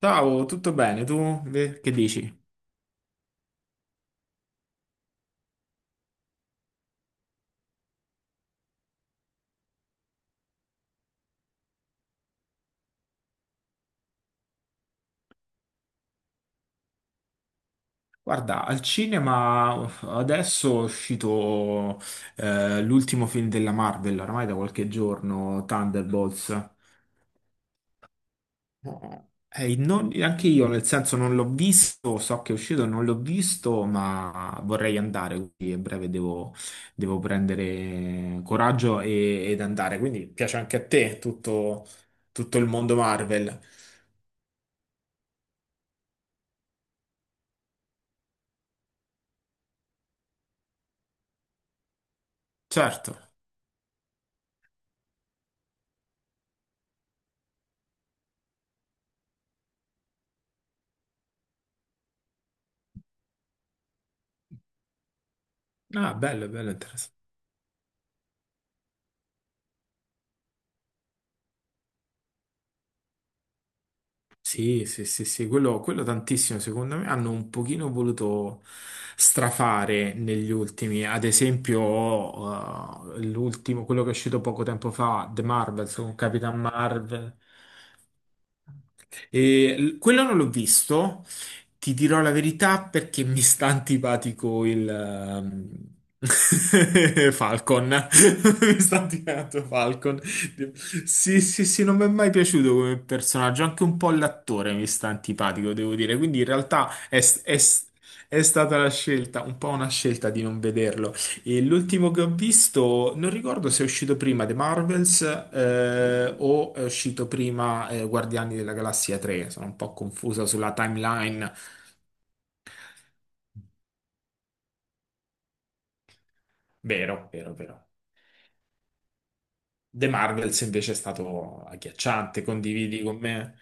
Ciao, tutto bene? Tu che dici? Guarda, al cinema uff, adesso è uscito l'ultimo film della Marvel, oramai da qualche giorno, Thunderbolts. Anche io, nel senso, non l'ho visto, so che è uscito, non l'ho visto, ma vorrei andare, quindi a breve devo prendere ed andare. Quindi piace anche a te tutto il mondo Marvel. Certo. Ah, bello, bello, interessante. Sì, sì, sì, sì, quello tantissimo, secondo me hanno un pochino voluto strafare negli ultimi, ad esempio l'ultimo, quello che è uscito poco tempo fa, The Marvels con Capitan Marvel. Quello non l'ho visto, ti dirò la verità perché mi sta antipatico il Falcon. Mi sta antipatico Falcon. Sì, sì, sì, non mi è mai piaciuto come personaggio. Anche un po' l'attore mi sta antipatico, devo dire. Quindi in realtà è stata la scelta, un po' una scelta di non vederlo. E l'ultimo che ho visto, non ricordo se è uscito prima The Marvels o è uscito prima Guardiani della Galassia 3. Sono un po' confusa sulla timeline. Vero, vero, vero. The Marvels invece è stato agghiacciante, condividi con me?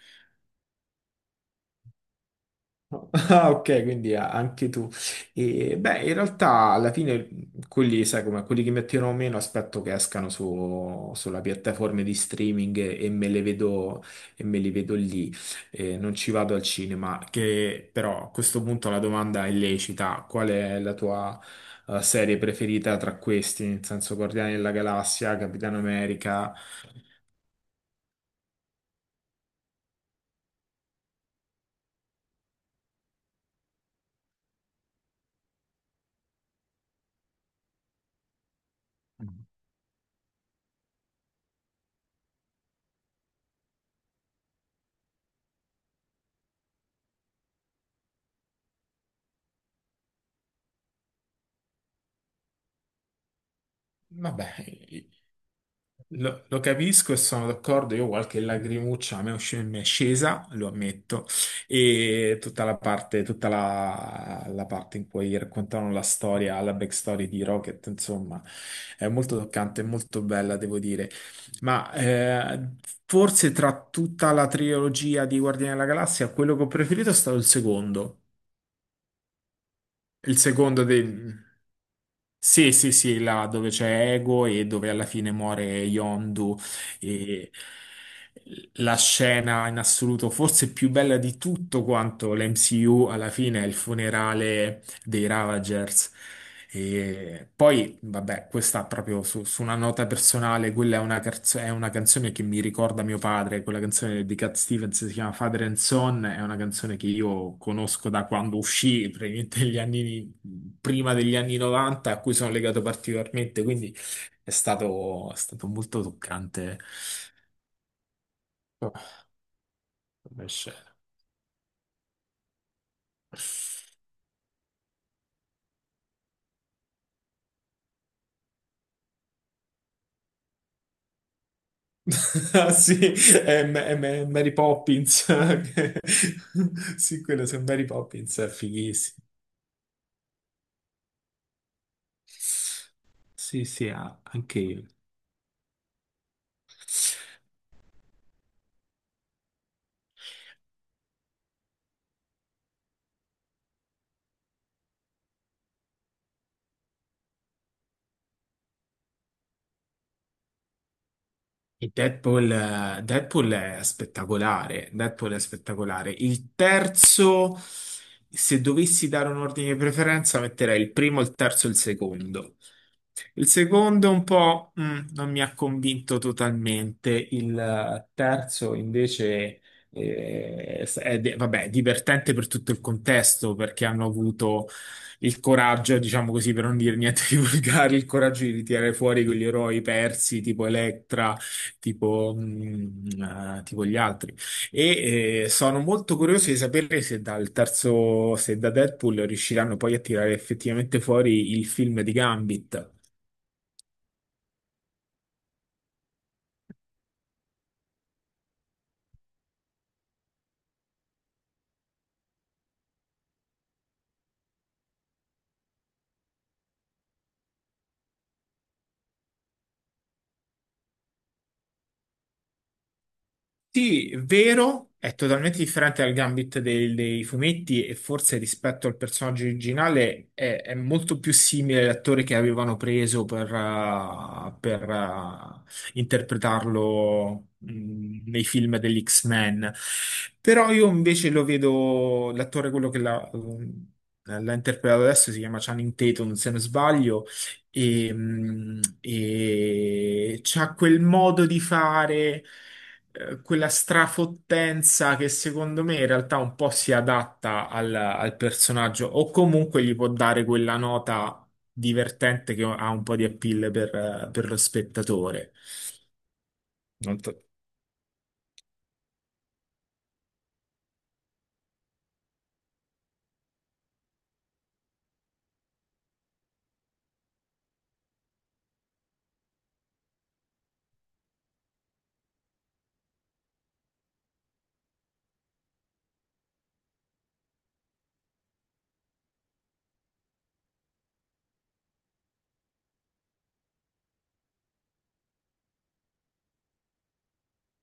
Ah, ok, quindi anche tu. E, beh, in realtà alla fine quelli, sai come, quelli che mi attirano meno aspetto che escano sulla piattaforma di streaming e me le vedo, e me li vedo lì. E non ci vado al cinema, che però a questo punto la domanda è lecita. Qual è la tua serie preferita tra questi? Nel senso Guardiani della Galassia, Capitano America... Vabbè, lo capisco e sono d'accordo. Io qualche lagrimuccia a me è mi è scesa, lo ammetto, e tutta la parte, la parte in cui raccontano la storia, la backstory di Rocket, insomma, è molto toccante, molto bella, devo dire. Ma forse tra tutta la trilogia di Guardiani della Galassia, quello che ho preferito è stato il secondo. Il secondo dei... Sì, sì, sì, là dove c'è Ego e dove alla fine muore Yondu. E la scena in assoluto, forse più bella di tutto quanto l'MCU, alla fine è il funerale dei Ravagers. E poi, vabbè, questa proprio su una nota personale, quella è è una canzone che mi ricorda mio padre, quella canzone di Cat Stevens si chiama Father and Son, è una canzone che io conosco da quando uscì, prima degli anni 90, a cui sono legato particolarmente, quindi è stato molto toccante. Oh, come scena. Ah, sì, è Mary Poppins. che- Sì, quello su Mary Poppins è fighissimo. Sì, sì, ah, anche io. E Deadpool, Deadpool è spettacolare. Deadpool è spettacolare. Il terzo, se dovessi dare un ordine di preferenza, metterei il primo, il terzo e il secondo. Il secondo un po' non mi ha convinto totalmente, il terzo invece divertente per tutto il contesto perché hanno avuto il coraggio, diciamo così, per non dire niente di volgare, il coraggio di ritirare fuori quegli eroi persi tipo Electra, tipo gli altri. Sono molto curioso di sapere se dal terzo, se da Deadpool riusciranno poi a tirare effettivamente fuori il film di Gambit. Sì, vero, è totalmente differente dal Gambit dei fumetti e forse rispetto al personaggio originale è molto più simile all'attore che avevano preso per interpretarlo, nei film degli X-Men. Però io invece lo vedo, l'attore quello che l'ha interpretato adesso si chiama Channing Tatum, se non sbaglio, e c'ha quel modo di fare quella strafottenza che secondo me in realtà un po' si adatta al personaggio o comunque gli può dare quella nota divertente che ha un po' di appeal per lo spettatore. Non to-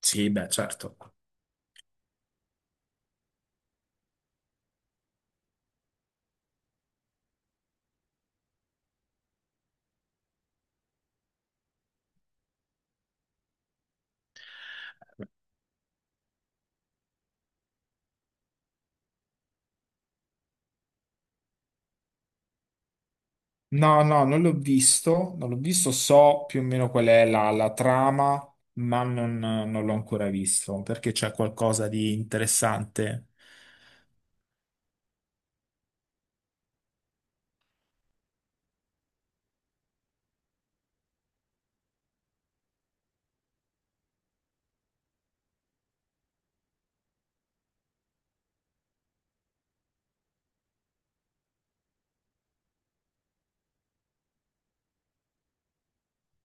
Sì, beh, certo. No, no, non l'ho visto, non l'ho visto, so più o meno qual è la trama, ma non l'ho ancora visto perché c'è qualcosa di interessante.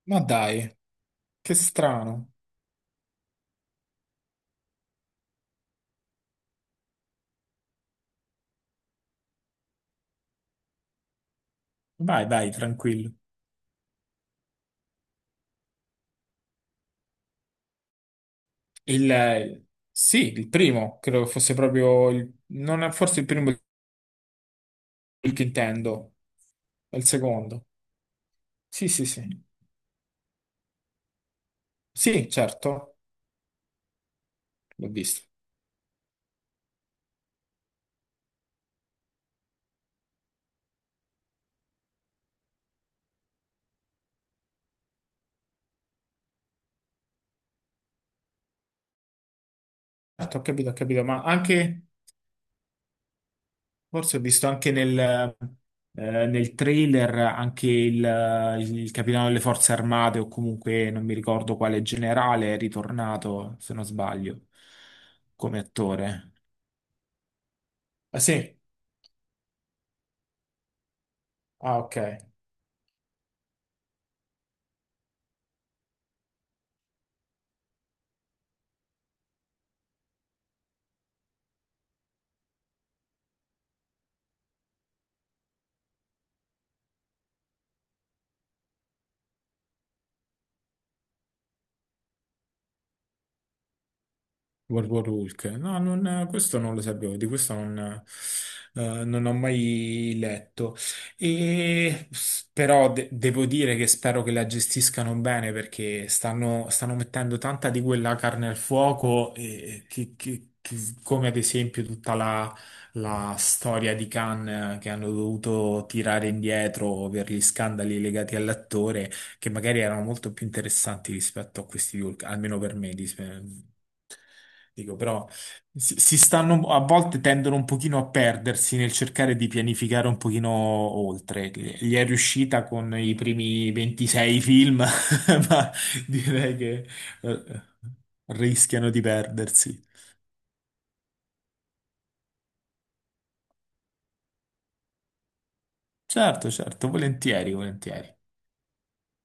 Ma dai, che strano. Vai, vai, tranquillo. Sì, il primo, credo che fosse proprio il, non è forse il primo il che intendo, è il secondo. Sì, sì, sì. Sì, certo, l'ho visto. Certo, ho capito, ma anche, forse ho visto anche nel trailer anche il capitano delle forze armate o comunque non mi ricordo quale generale è ritornato, se non sbaglio, come attore. Ah, sì? Ah, ok. World War Hulk. No, questo non lo sapevo, di questo non ho mai letto. Però devo dire che spero che la gestiscano bene perché stanno mettendo tanta di quella carne al fuoco, come ad esempio tutta la storia di Khan che hanno dovuto tirare indietro per gli scandali legati all'attore che magari erano molto più interessanti rispetto a questi di Hulk, almeno per me. Dico, però si stanno a volte tendono un pochino a perdersi nel cercare di pianificare un pochino oltre. Gli è riuscita con i primi 26 film, ma direi che eh, rischiano di perdersi. Certo, certo, volentieri, volentieri.